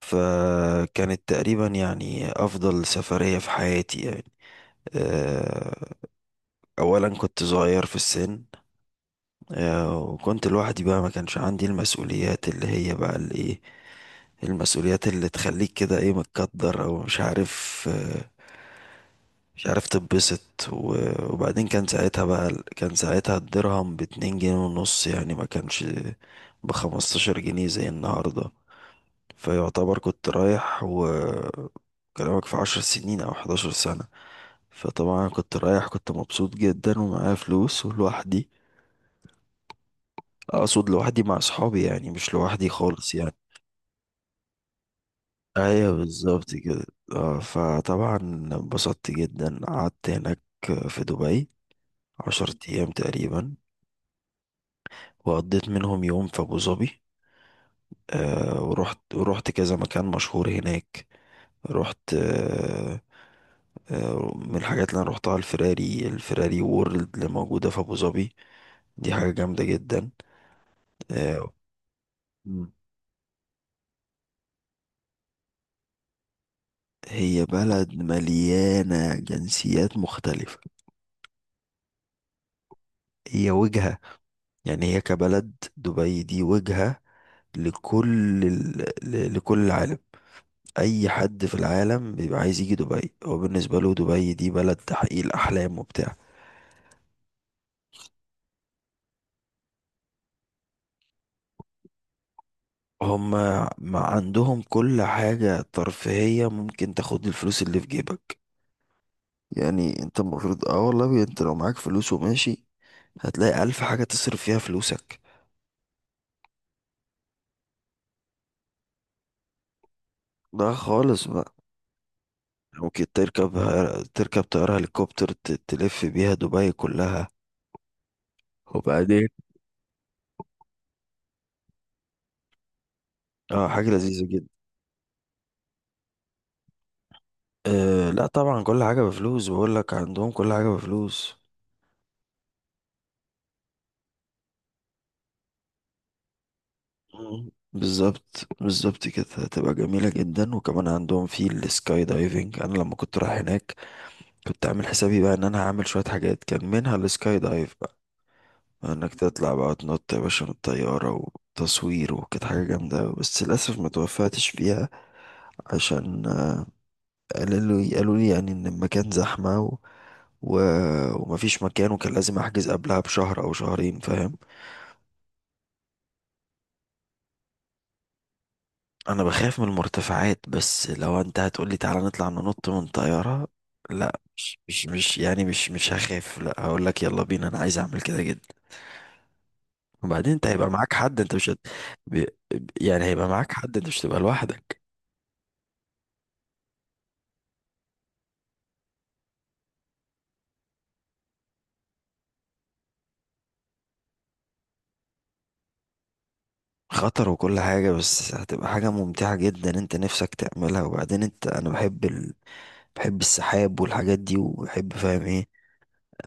فكانت تقريبا يعني أفضل سفرية في حياتي يعني. آه، أولا كنت صغير في السن. وكنت لوحدي بقى ما كانش عندي المسؤوليات اللي هي بقى الإيه، المسؤوليات اللي تخليك كده إيه متقدر أو مش عارف، مش عارف تتبسط. و- وبعدين كان ساعتها بقى كان ساعتها الدرهم باتنين جنيه ونص يعني ما كانش بخمستاشر جنيه زي النهاردة. فيعتبر كنت رايح وكلامك في 10 سنين أو 11 سنة. فطبعا كنت رايح كنت مبسوط جدا ومعايا فلوس ولوحدي، أقصد لوحدي مع أصحابي يعني مش لوحدي خالص يعني. أيوة بالظبط كده. فطبعا انبسطت جدا قعدت هناك في دبي 10 أيام تقريبا، وقضيت منهم يوم في أبو ظبي. ورحت كذا مكان مشهور هناك. رحت آه، آه، من الحاجات اللي انا روحتها الفراري، وورلد اللي موجودة في ابو ظبي، دي حاجة جامدة جدا. آه، مم. هي بلد مليانة جنسيات مختلفة. هي وجهة، يعني هي كبلد دبي دي وجهة لكل العالم. أي حد في العالم بيبقى عايز يجي دبي هو بالنسبة له دبي دي بلد تحقيق الأحلام وبتاع. هما ما عندهم كل حاجة ترفيهية ممكن تاخد الفلوس اللي في جيبك، يعني انت المفروض اه والله انت لو معاك فلوس وماشي هتلاقي ألف حاجة تصرف فيها فلوسك. ده خالص بقى. ممكن تركب، طيارة هليكوبتر ت- تلف بيها دبي كلها وبعدين اه حاجة لذيذة جدا. آه لا طبعا كل حاجة بفلوس، بقول لك عندهم كل حاجة بفلوس. مم. بالظبط بالظبط كده، هتبقى جميلة جدا. وكمان عندهم في السكاي دايفنج، انا لما كنت رايح هناك كنت عامل حسابي بقى ان انا هعمل شوية حاجات كان منها السكاي دايف، انك تطلع بقى تنط يا باشا من الطيارة وتصوير، وكانت حاجة جامدة بس للأسف ما توفقتش فيها عشان قالوا لي يعني ان المكان زحمة و... ومفيش مكان وكان لازم احجز قبلها بشهر او شهرين فاهم. انا بخاف من المرتفعات بس لو انت هتقولي تعالى نطلع ننط من طيارة، لا مش مش مش يعني مش مش هخاف، لا هقول لك يلا بينا انا عايز اعمل كده جدا. وبعدين انت هيبقى معاك حد انت مش هت... ب... ب- يعني هيبقى معاك حد انت مش هتبقى لوحدك. خطر وكل حاجة بس هتبقى حاجة ممتعة جدا انت نفسك تعملها. وبعدين انت انا بحب بحب السحاب والحاجات دي وبحب فاهم ايه.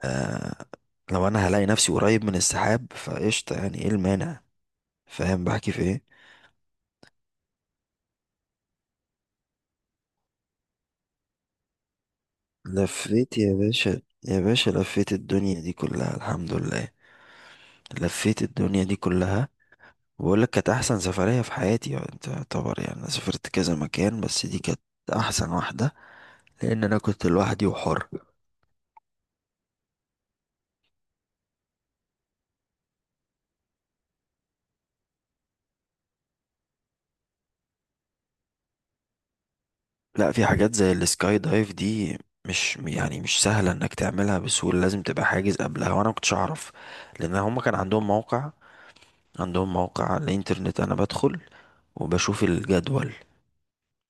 آه... لو انا هلاقي نفسي قريب من السحاب فقشطة، يعني ايه المانع. فاهم بحكي في ايه. لفيت يا باشا يا باشا لفيت الدنيا دي كلها الحمد لله. لفيت الدنيا دي كلها. بقول لك كانت احسن سفرية في حياتي يعني، انت يعتبر يعني انا سافرت كذا مكان بس دي كانت احسن واحدة لان انا كنت لوحدي وحر. لا في حاجات زي السكاي دايف دي مش يعني مش سهلة انك تعملها بسهولة، لازم تبقى حاجز قبلها وانا ما كنتش اعرف. لان هما كان عندهم موقع، عندهم موقع على الانترنت، انا بدخل وبشوف الجدول.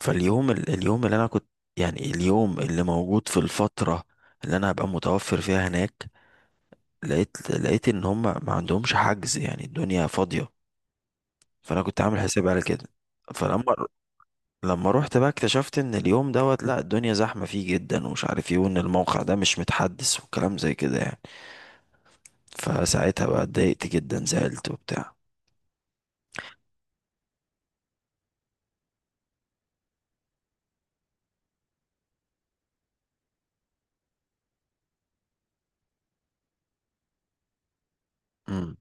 اليوم اللي انا كنت يعني اليوم اللي موجود في الفترة اللي انا هبقى متوفر فيها هناك، لقيت ان هما ما عندهمش حجز، يعني الدنيا فاضية، فانا كنت عامل حسابي على كده. فلما لما روحت بقى اكتشفت ان اليوم دوت لا الدنيا زحمة فيه جدا ومش عارف ايه وان الموقع ده مش متحدث وكلام زي كده يعني. فساعتها بقى اتضايقت جدا زعلت وبتاع. امم.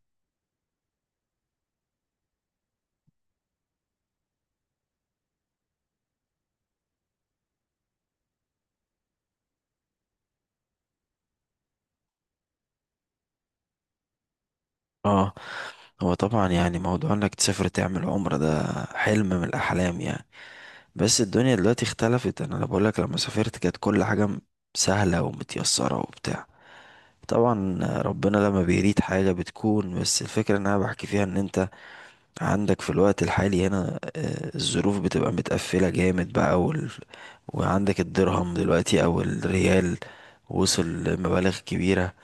اه، هو طبعا يعني موضوع انك تسافر تعمل عمرة ده حلم من الاحلام يعني. بس الدنيا دلوقتي اختلفت، انا بقول لك لما سافرت كانت كل حاجة سهلة ومتيسرة وبتاع، طبعا ربنا لما بيريد حاجة بتكون، بس الفكرة ان انا بحكي فيها ان انت عندك في الوقت الحالي هنا الظروف بتبقى متقفلة جامد بقى وعندك الدرهم دلوقتي او الريال وصل لمبالغ كبيرة.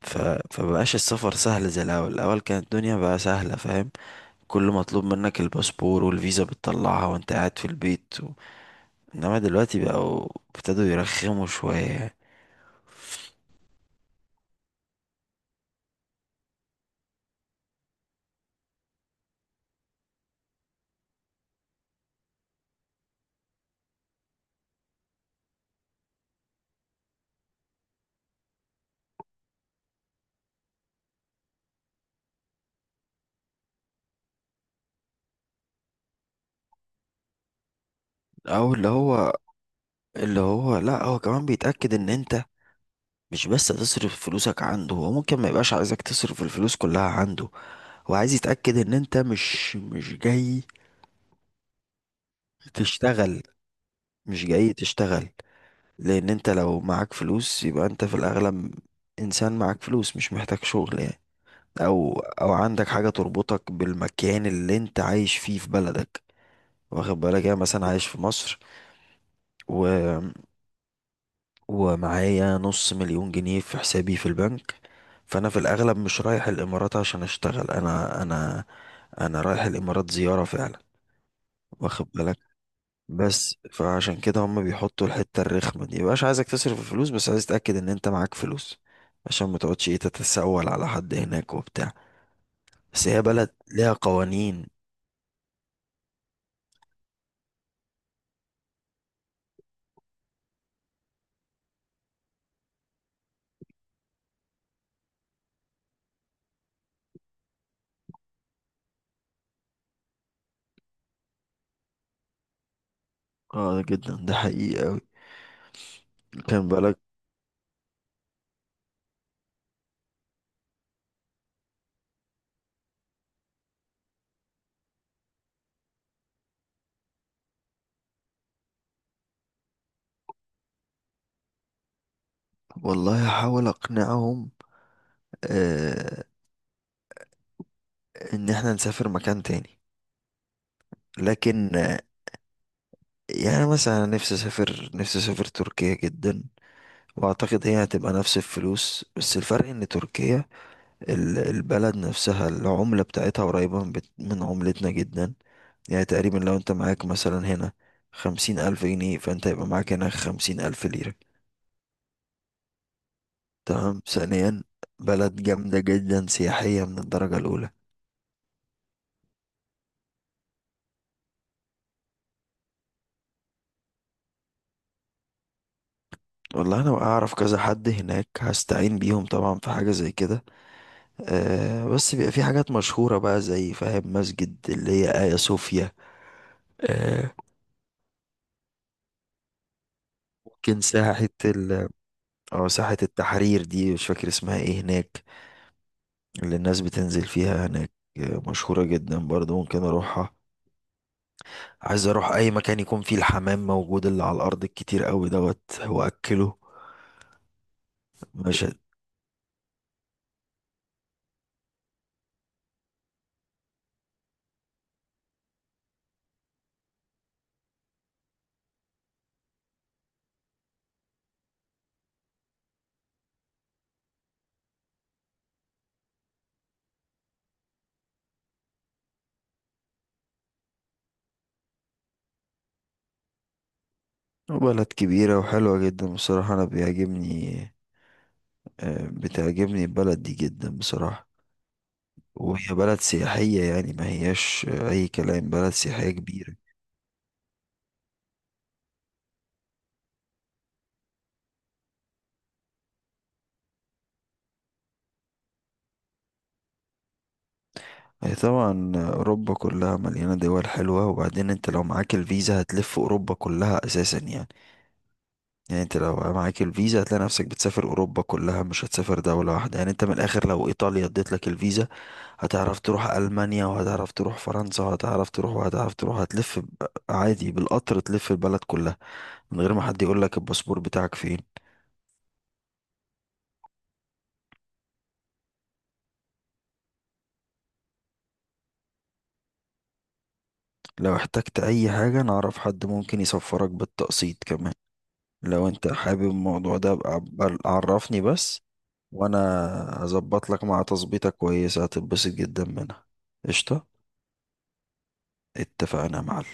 ف... فمبقاش السفر سهل زي الاول، الاول كانت الدنيا بقى سهلة فاهم، كل مطلوب منك الباسبور والفيزا بتطلعها وانت قاعد في البيت انما دلوقتي بقوا ابتدوا يرخموا شوية يعني. او اللي هو اللي هو لا هو كمان بيتأكد ان انت مش بس تصرف فلوسك عنده، هو ممكن ما يبقاش عايزك تصرف الفلوس كلها عنده، هو عايز يتأكد ان انت مش جاي تشتغل، مش جاي تشتغل. لان انت لو معاك فلوس يبقى انت في الاغلب انسان معاك فلوس مش محتاج شغل يعني، او عندك حاجة تربطك بالمكان اللي انت عايش فيه في بلدك. واخد بالك، يعني مثلا عايش في مصر و ومعايا نص مليون جنيه في حسابي في البنك، فانا في الاغلب مش رايح الامارات عشان اشتغل، انا رايح الامارات زيارة فعلا، واخد بالك. بس فعشان كده هم بيحطوا الحتة الرخمة دي، مبقاش عايزك تصرف الفلوس بس عايز تتأكد ان انت معاك فلوس عشان ما تقعدش ايه تتسول على حد هناك وبتاع. بس هي بلد ليها قوانين. اه جدا ده حقيقي أوي، كان بالك. والله هحاول اقنعهم، آه ان احنا نسافر مكان تاني، لكن يعني مثلا أنا نفسي اسافر، نفسي اسافر تركيا جدا، واعتقد هي هتبقى نفس الفلوس بس الفرق ان تركيا البلد نفسها العملة بتاعتها قريبة من عملتنا جدا. يعني تقريبا لو انت معاك مثلا هنا 50,000 جنيه فانت هيبقى معاك هنا 50,000 ليرة. تمام، ثانيا بلد جامدة جدا سياحية من الدرجة الاولى. والله انا اعرف كذا حد هناك هستعين بيهم طبعا في حاجة زي كده. آه بس بيبقى في حاجات مشهورة بقى زي فاهم مسجد اللي هي آيا صوفيا، آه ممكن ساحة ال اه ساحة التحرير، دي مش فاكر اسمها ايه هناك، اللي الناس بتنزل فيها هناك، آه مشهورة جدا برضه ممكن اروحها. عايز اروح اي مكان يكون فيه الحمام موجود اللي على الارض الكتير قوي دوت واكله. مشهد. بلد كبيرة وحلوة جدا بصراحة انا بيعجبني، آه بتعجبني البلد دي جدا بصراحة، وهي بلد سياحية يعني ما هياش أي كلام، بلد سياحية كبيرة. هي طبعا أوروبا كلها مليانة دول حلوة، وبعدين أنت لو معاك الفيزا هتلف أوروبا كلها أساسا يعني، يعني أنت لو معاك الفيزا هتلاقي نفسك بتسافر أوروبا كلها مش هتسافر دولة واحدة يعني، أنت من الآخر لو إيطاليا اديت لك الفيزا هتعرف تروح ألمانيا وهتعرف تروح فرنسا وهتعرف تروح هتلف عادي بالقطر تلف البلد كلها من غير ما حد يقول لك الباسبور بتاعك فين. لو احتجت اي حاجة انا اعرف حد ممكن يسفرك بالتقسيط كمان، لو انت حابب الموضوع ده ابقى عرفني بس وانا هظبط لك مع تظبيطة كويسة هتتبسط جدا منها. قشطة، اتفقنا يا معلم.